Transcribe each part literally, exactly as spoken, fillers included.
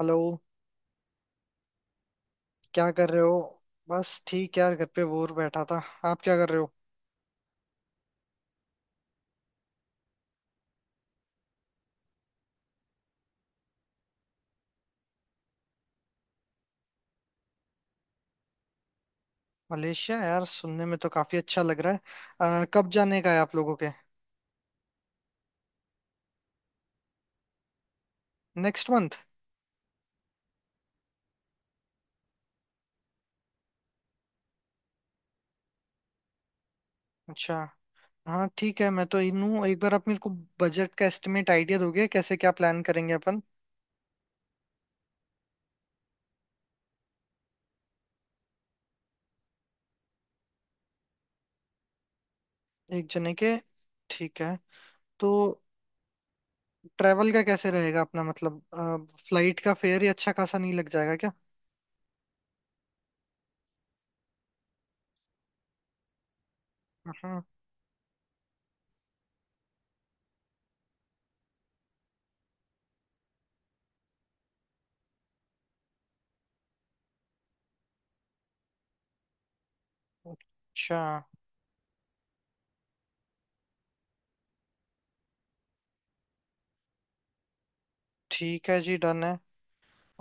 Hello. क्या कर रहे हो? बस ठीक यार, घर पे बोर बैठा था। आप क्या कर रहे हो? मलेशिया, यार सुनने में तो काफी अच्छा लग रहा है। अ, कब जाने का है आप लोगों के? Next month? अच्छा। हाँ ठीक है, मैं तो इन हूँ। एक बार आप मेरे को बजट का एस्टिमेट आइडिया दोगे कैसे क्या प्लान करेंगे अपन? एक जने के? ठीक है। तो ट्रेवल का कैसे रहेगा अपना? मतलब फ्लाइट का फेयर ही अच्छा खासा नहीं लग जाएगा क्या? हाँ। अच्छा, ठीक है जी, डन है।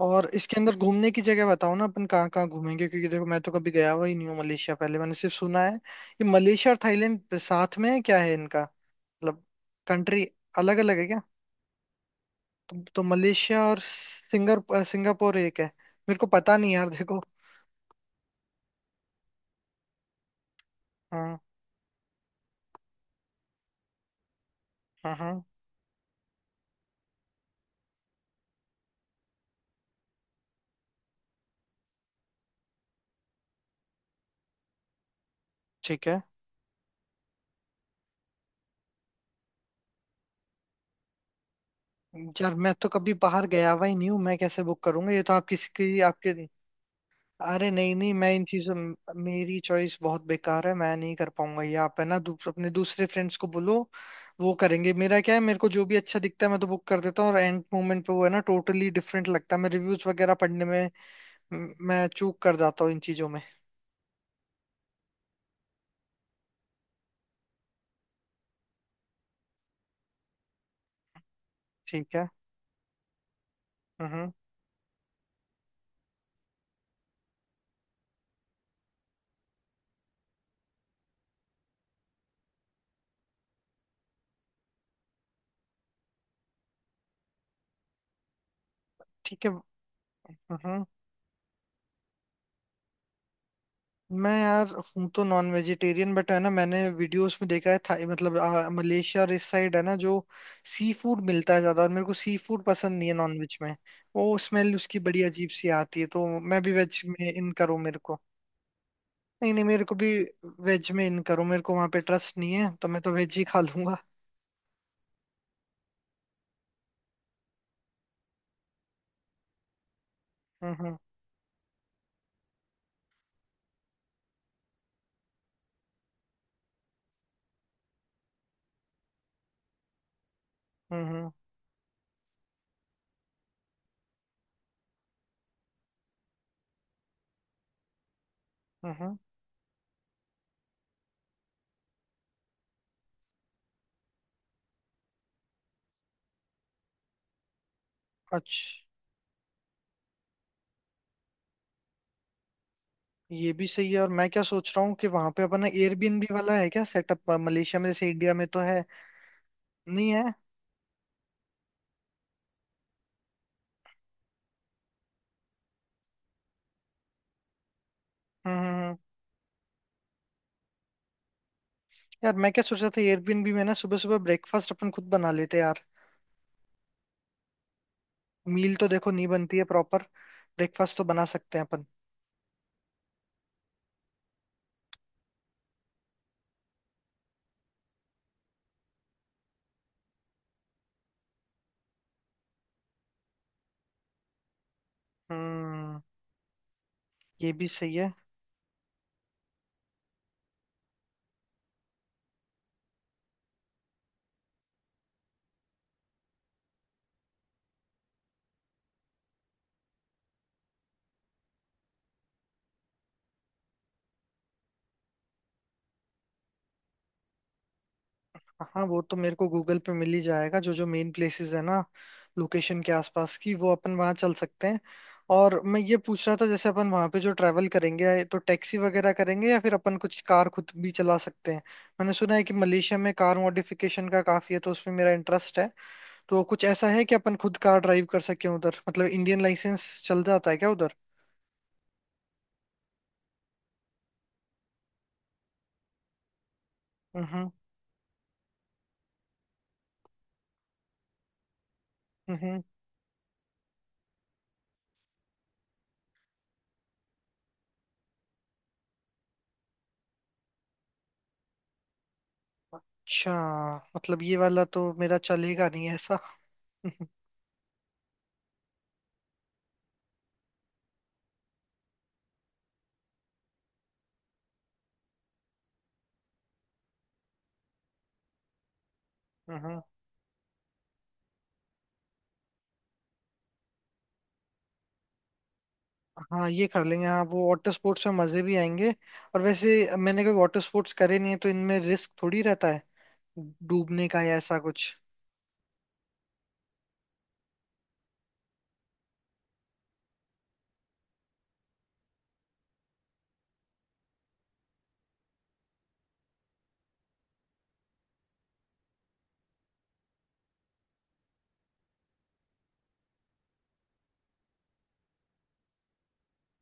और इसके अंदर घूमने की जगह बताओ ना, अपन कहाँ कहाँ घूमेंगे? क्योंकि देखो मैं तो कभी गया हुआ ही नहीं हूँ मलेशिया पहले। मैंने सिर्फ सुना है। ये मलेशिया और थाईलैंड साथ में है क्या? है इनका मतलब कंट्री अलग अलग है क्या? तो, तो मलेशिया और सिंगापुर सिंगापुर एक है? मेरे को पता नहीं यार, देखो। हाँ। हाँ। हाँ ठीक है। यार मैं तो कभी बाहर गया हुआ ही नहीं हूँ, मैं कैसे बुक करूंगा? ये तो आप किसी की आपके। अरे नहीं नहीं, मैं इन चीजों। मेरी चॉइस बहुत बेकार है, मैं नहीं कर पाऊंगा। ये आप है ना, दू, अपने दूसरे फ्रेंड्स को बोलो, वो करेंगे। मेरा क्या है, मेरे को जो भी अच्छा दिखता है मैं तो बुक कर देता हूँ, और एंड मोमेंट पे वो है ना टोटली डिफरेंट लगता है। मैं रिव्यूज वगैरह पढ़ने में म- मैं चूक कर जाता हूँ इन चीजों में। ठीक है। हम्म। ठीक है। हम्म। मैं यार हूँ तो नॉन वेजिटेरियन, बट है ना मैंने वीडियोस में देखा है था, मतलब आ, मलेशिया और इस साइड है ना, जो सी फूड मिलता है ज्यादा, और मेरे को सी फूड पसंद नहीं है नॉन वेज में। वो स्मेल उसकी बड़ी अजीब सी आती है, तो मैं भी वेज में इन करूँ मेरे को। नहीं नहीं, मेरे को भी वेज में इन करूँ। मेरे को वहां पे ट्रस्ट नहीं है, तो मैं तो वेज ही खा लूंगा। हम्म हम्म। हम्म। हम्म। हम्म। अच्छा। ये भी सही है। और मैं क्या सोच रहा हूँ कि वहां पे अपना एयरबीएनबी वाला है क्या सेटअप मलेशिया में? जैसे इंडिया में तो है। नहीं है? हम्म हम्म। हम्म। यार मैं क्या सोच रहा था, एयरबीएनबी में ना सुबह सुबह ब्रेकफास्ट अपन खुद बना लेते हैं यार। मील तो देखो नहीं बनती है प्रॉपर, ब्रेकफास्ट तो बना सकते हैं अपन। हम्म। ये भी सही है। हाँ वो तो मेरे को गूगल पे मिल ही जाएगा जो जो मेन प्लेसेस है ना लोकेशन के आसपास की, वो अपन वहाँ चल सकते हैं। और मैं ये पूछ रहा था, जैसे अपन वहाँ पे जो ट्रैवल करेंगे तो टैक्सी वगैरह करेंगे या फिर अपन कुछ कार खुद भी चला सकते हैं? मैंने सुना है कि मलेशिया में कार मॉडिफिकेशन का काफी है, तो उसमें मेरा इंटरेस्ट है। तो कुछ ऐसा है कि अपन खुद कार ड्राइव कर सके उधर? मतलब इंडियन लाइसेंस चल जाता है क्या उधर? हम्म। हम्म। अच्छा। मतलब ये वाला तो मेरा चलेगा नहीं ऐसा। हम्म। हाँ ये कर लेंगे। हाँ वो वाटर स्पोर्ट्स में मजे भी आएंगे। और वैसे मैंने कभी वाटर स्पोर्ट्स करे नहीं है, तो इनमें रिस्क थोड़ी रहता है डूबने का या ऐसा कुछ?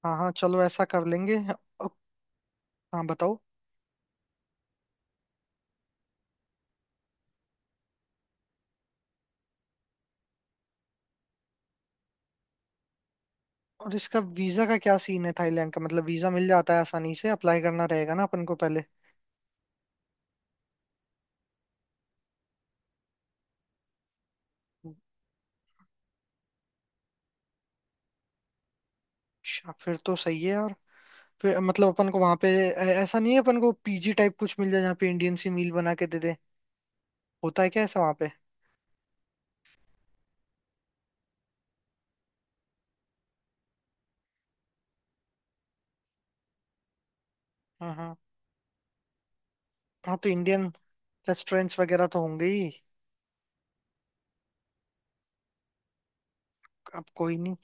हाँ हाँ चलो ऐसा कर लेंगे। अ- हाँ बताओ। और इसका वीजा का क्या सीन है थाईलैंड का? मतलब वीजा मिल जाता है आसानी से? अप्लाई करना रहेगा ना अपन को पहले? अच्छा फिर तो सही है यार। फिर मतलब अपन को वहां पे ऐ- ऐसा नहीं है अपन को पीजी टाइप कुछ मिल जाए जहाँ पे इंडियन सी मील बना के दे दे? होता है क्या ऐसा वहां पे? हाँ हाँ। हाँ तो इंडियन रेस्टोरेंट्स वगैरह तो होंगे ही। अब कोई नहीं।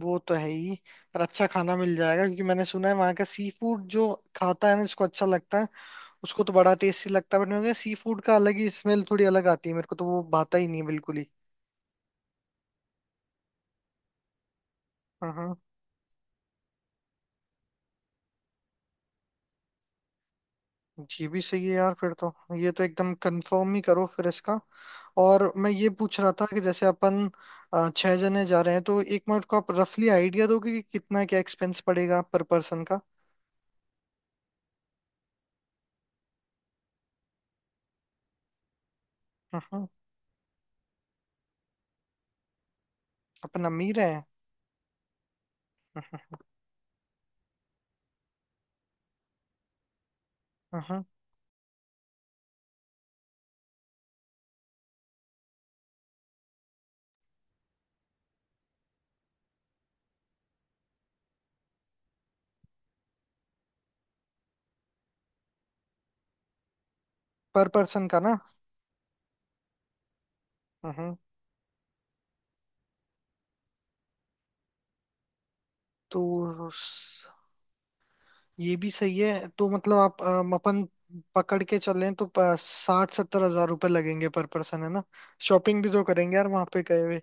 वो तो है ही। पर अच्छा खाना मिल जाएगा, क्योंकि मैंने सुना है वहाँ का सी फूड जो खाता है ना इसको अच्छा लगता है, उसको तो बड़ा टेस्टी लगता है। बट मुझे सी फूड का अलग ही स्मेल, थोड़ी अलग आती है मेरे को, तो वो भाता ही नहीं है बिल्कुल ही। हाँ हाँ। ये भी सही है यार, फिर तो ये तो एकदम कंफर्म ही करो फिर इसका। और मैं ये पूछ रहा था कि जैसे अपन अ, छह जने जा रहे हैं, तो एक मिनट को आप रफली आइडिया दोगे कि कितना क्या एक्सपेंस पड़ेगा पर पर्सन का? हम्म। अपन अमीर है। हम्म। पर पर्सन का ना? हम्म। तो स- ये भी सही है। तो मतलब आप अम, अपन पकड़ के चलें तो प- साठ सत्तर हजार रुपये लगेंगे पर पर्सन, है ना? शॉपिंग भी तो करेंगे यार वहां पे गए हुए।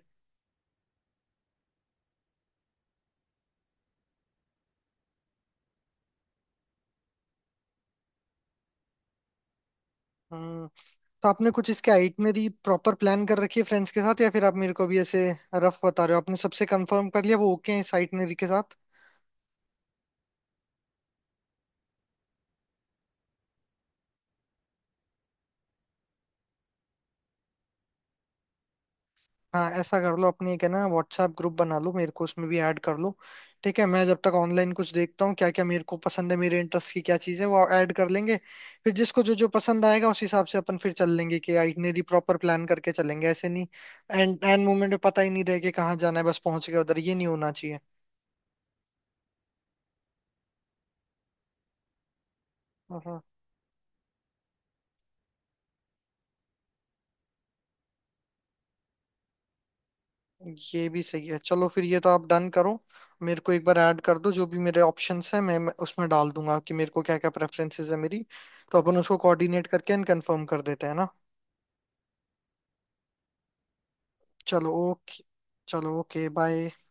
हम्म। तो आपने कुछ इसके आइटनरी प्रॉपर प्लान कर रखी है फ्रेंड्स के साथ, या फिर आप मेरे को भी ऐसे रफ बता रहे हो? आपने सबसे कंफर्म कर लिया वो ओके है इस आइटनरी के साथ? हाँ ऐसा कर लो, अपने एक है ना व्हाट्सएप ग्रुप बना लो, मेरे को उसमें भी ऐड कर लो। ठीक है, मैं जब तक ऑनलाइन कुछ देखता हूँ क्या क्या मेरे को पसंद है, मेरे इंटरेस्ट की क्या चीज़ है, वो ऐड कर लेंगे। फिर जिसको जो जो पसंद आएगा उस हिसाब से अपन फिर चल लेंगे कि आइटनरी प्रॉपर प्लान करके चलेंगे, ऐसे नहीं एंड एंड मोमेंट में पता ही नहीं रहे कि कहाँ जाना है बस पहुंच गए उधर, ये नहीं होना चाहिए। हाँ ये भी सही है। चलो फिर ये तो आप डन करो, मेरे को एक बार ऐड कर दो, जो भी मेरे ऑप्शंस हैं मैं मैं उसमें डाल दूंगा कि मेरे को क्या क्या प्रेफरेंसेस है मेरी, तो अपन उसको कोऑर्डिनेट करके एंड कंफर्म कर देते हैं ना। चलो ओके। चलो ओके बाय।